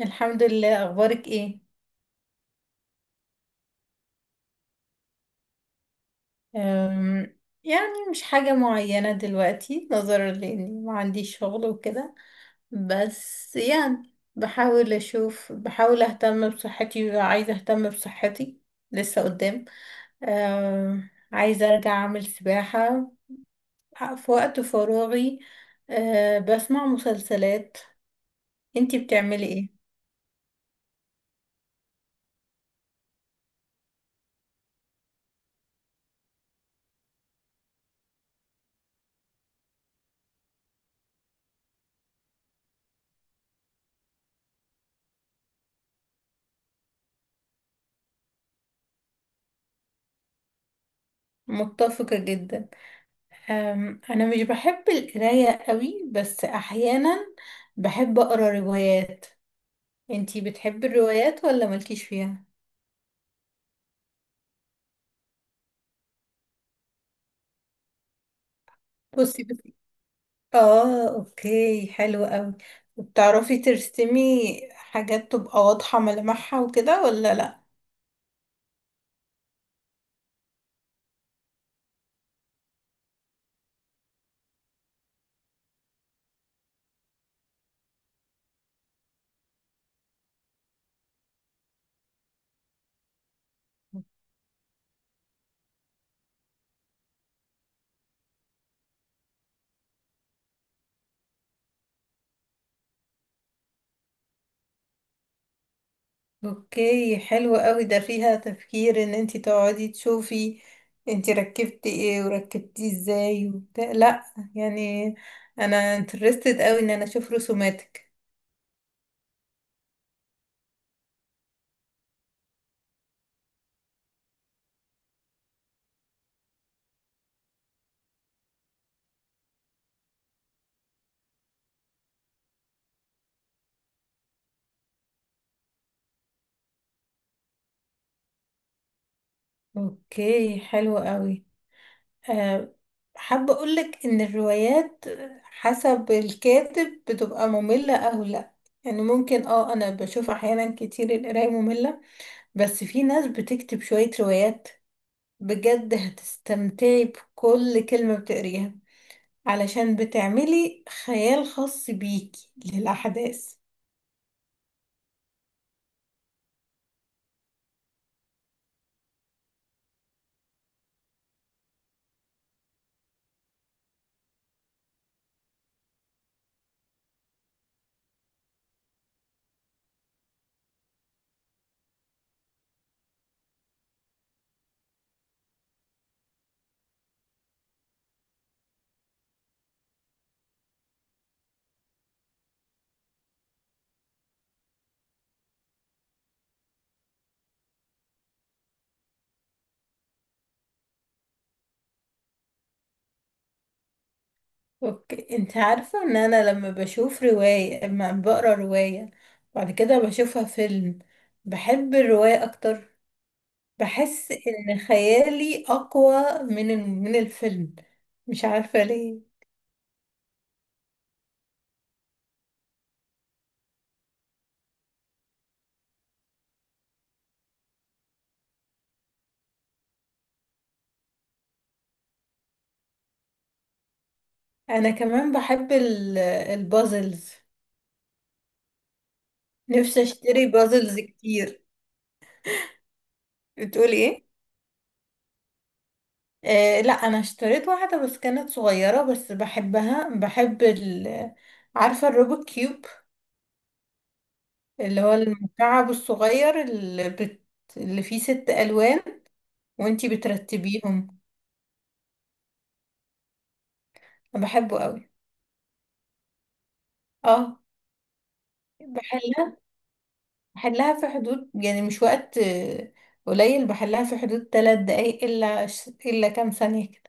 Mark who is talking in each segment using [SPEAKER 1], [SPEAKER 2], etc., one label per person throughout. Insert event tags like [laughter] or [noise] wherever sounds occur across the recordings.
[SPEAKER 1] الحمد لله. اخبارك ايه؟ أم، يعني مش حاجة معينة دلوقتي، نظرا لاني ما عنديش شغل وكده. بس يعني بحاول اهتم بصحتي وعايزة اهتم بصحتي. لسه قدام. عايزة ارجع اعمل سباحة في وقت فراغي. بسمع مسلسلات. انتي بتعملي ايه؟ متفقة جدا. انا مش بحب القرايه قوي، بس احيانا بحب اقرا روايات. انتي بتحبي الروايات ولا مالكيش فيها؟ بصي بس. اه، اوكي، حلو قوي. وبتعرفي ترسمي حاجات تبقى واضحه ملامحها وكده ولا لا؟ اوكي، حلو قوي. ده فيها تفكير ان انتي تقعدي تشوفي انتي ركبتي ايه وركبتيه ازاي وبتاع، لا يعني. انا انترستد قوي ان انا اشوف رسوماتك. اوكي، حلو قوي. أه حابة اقولك ان الروايات حسب الكاتب بتبقى مملة او لا. يعني ممكن، انا بشوف احيانا كتير القراية مملة. بس في ناس بتكتب شوية روايات بجد هتستمتعي بكل كلمة بتقريها، علشان بتعملي خيال خاص بيكي للأحداث. اوكي، انت عارفة ان انا لما بقرا رواية بعد كده بشوفها فيلم، بحب الرواية اكتر. بحس ان خيالي اقوى من الفيلم. مش عارفة ليه. انا كمان بحب البازلز. نفسي اشتري بازلز كتير. بتقولي ايه؟ آه لا، انا اشتريت واحدة بس كانت صغيرة، بس بحبها. بحب ال عارفة الروبوت كيوب؟ اللي هو المكعب الصغير اللي فيه ست ألوان وانتي بترتبيهم. أنا بحبه قوي. اه. بحلها بحلها في حدود، يعني مش وقت قليل، بحلها في حدود ثلاث دقايق إلا كام ثانية كده.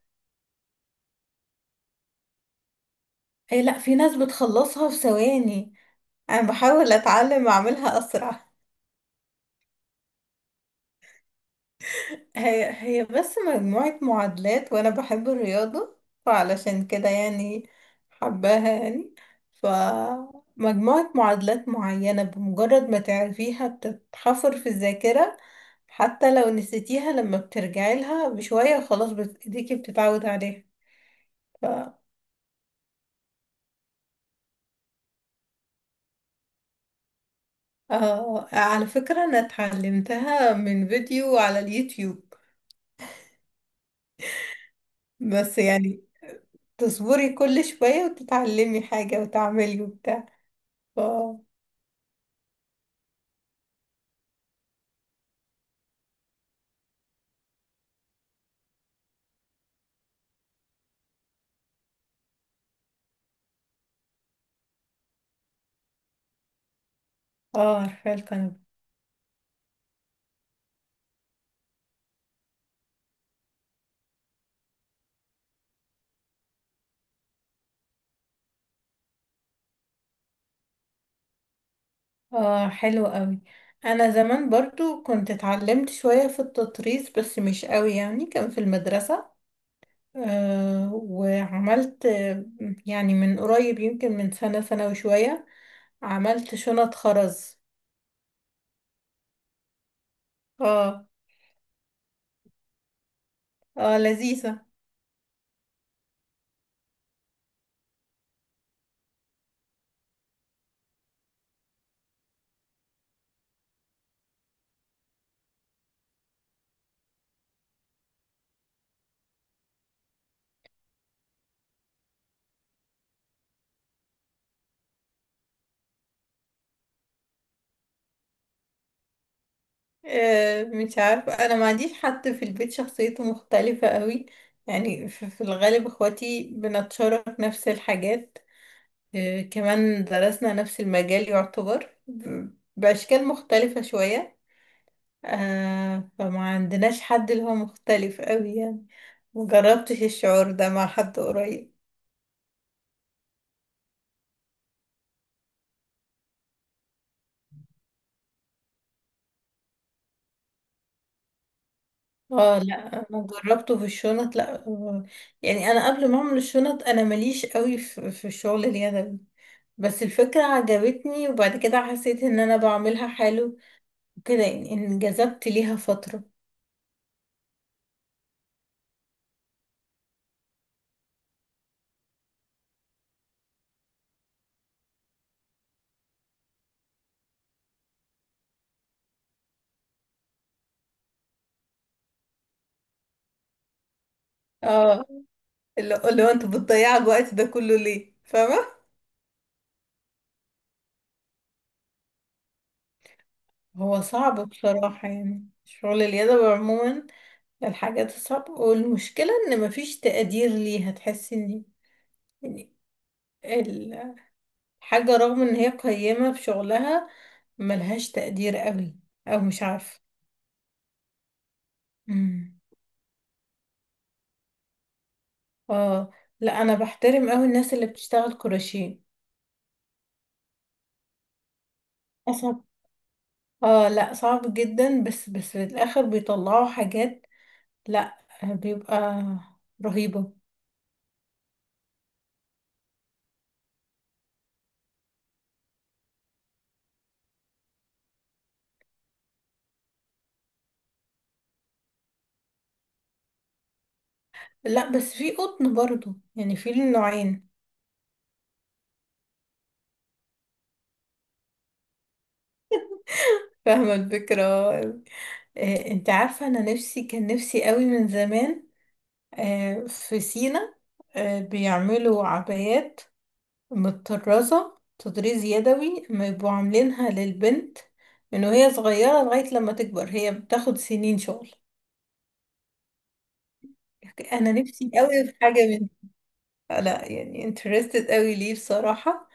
[SPEAKER 1] أي لأ، في ناس بتخلصها في ثواني. أنا بحاول أتعلم أعملها أسرع. هي بس مجموعة معادلات وأنا بحب الرياضة. فعلشان كده يعني، حباها يعني. فمجموعة معادلات معينة بمجرد ما تعرفيها بتتحفر في الذاكرة. حتى لو نسيتيها لما بترجعي لها بشوية خلاص، ايديكي بتتعود عليها. ف... على فكرة، أنا اتعلمتها من فيديو على اليوتيوب. بس يعني، تصبري كل شوية وتتعلمي حاجة وتعملي وبتاع. ف... اه، عارفة الكنبة. اه، حلو قوي. انا زمان برضو كنت اتعلمت شوية في التطريز، بس مش قوي يعني. كان في المدرسة. وعملت، يعني من قريب، يمكن من سنة، سنة وشوية، عملت شنط خرز. اه، اه، لذيذة. مش عارفة، انا ما عنديش حد في البيت شخصيته مختلفة قوي. يعني في الغالب، اخواتي بنتشارك نفس الحاجات. كمان درسنا نفس المجال يعتبر بأشكال مختلفة شوية. فما عندناش حد اللي هو مختلف قوي يعني. مجربتش الشعور ده مع حد قريب. اه لا، انا جربته في الشنط. لا، يعني انا قبل ما اعمل الشنط، انا ماليش قوي في الشغل اليدوي. بس الفكرة عجبتني، وبعد كده حسيت ان انا بعملها حلو كده، يعني انجذبت ليها فترة. اه، اللي هو انت بتضيع الوقت ده كله ليه؟ فاهمة. هو صعب بصراحة يعني، شغل اليد عموما. الحاجات الصعبة، والمشكلة ان مفيش تقدير ليها. تحسي ان يعني الحاجة رغم ان هي قيمة في شغلها، ملهاش تقدير قوي، او مش عارفة. مم. اه لا، انا بحترم قوي الناس اللي بتشتغل كروشيه. اصعب. اه لا، صعب جدا. بس في الاخر بيطلعوا حاجات، لا، بيبقى رهيبة. لا، بس في قطن برضو، يعني في النوعين. فاهمة الفكرة. انت عارفة، انا نفسي، كان نفسي قوي من زمان. في سينا، بيعملوا عبايات متطرزة تطريز يدوي، ما يبقوا عاملينها للبنت من وهي صغيرة لغاية لما تكبر، هي بتاخد سنين شغل. انا نفسي قوي في حاجة من، لا يعني، interested قوي ليه بصراحة.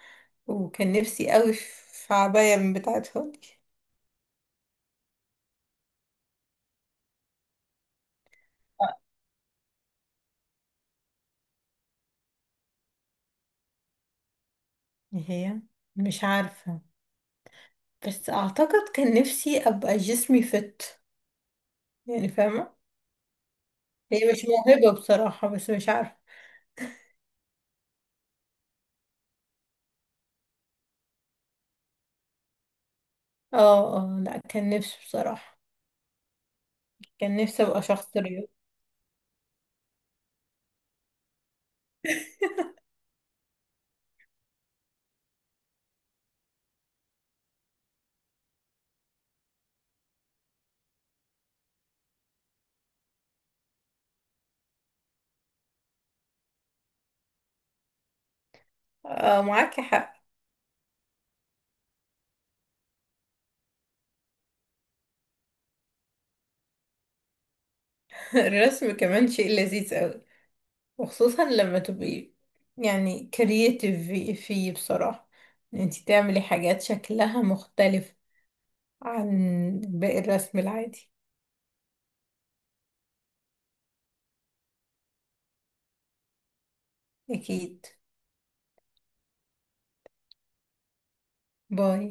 [SPEAKER 1] وكان نفسي قوي في عباية من بتاعتهم. هي. مش عارفة. بس اعتقد كان نفسي ابقى جسمي فت، يعني فاهمة. هي مش موهبة بصراحة، بس مش عارفة. اه، اه، لا، كان نفسي بصراحة. كان نفسي ابقى شخص رياضي. اه، معاكي حق. [laughs] الرسم كمان شيء لذيذ قوي، وخصوصا لما تبقي يعني كرييتيف فيه بصراحة، ان انتي تعملي حاجات شكلها مختلف عن باقي الرسم العادي. اكيد. باي.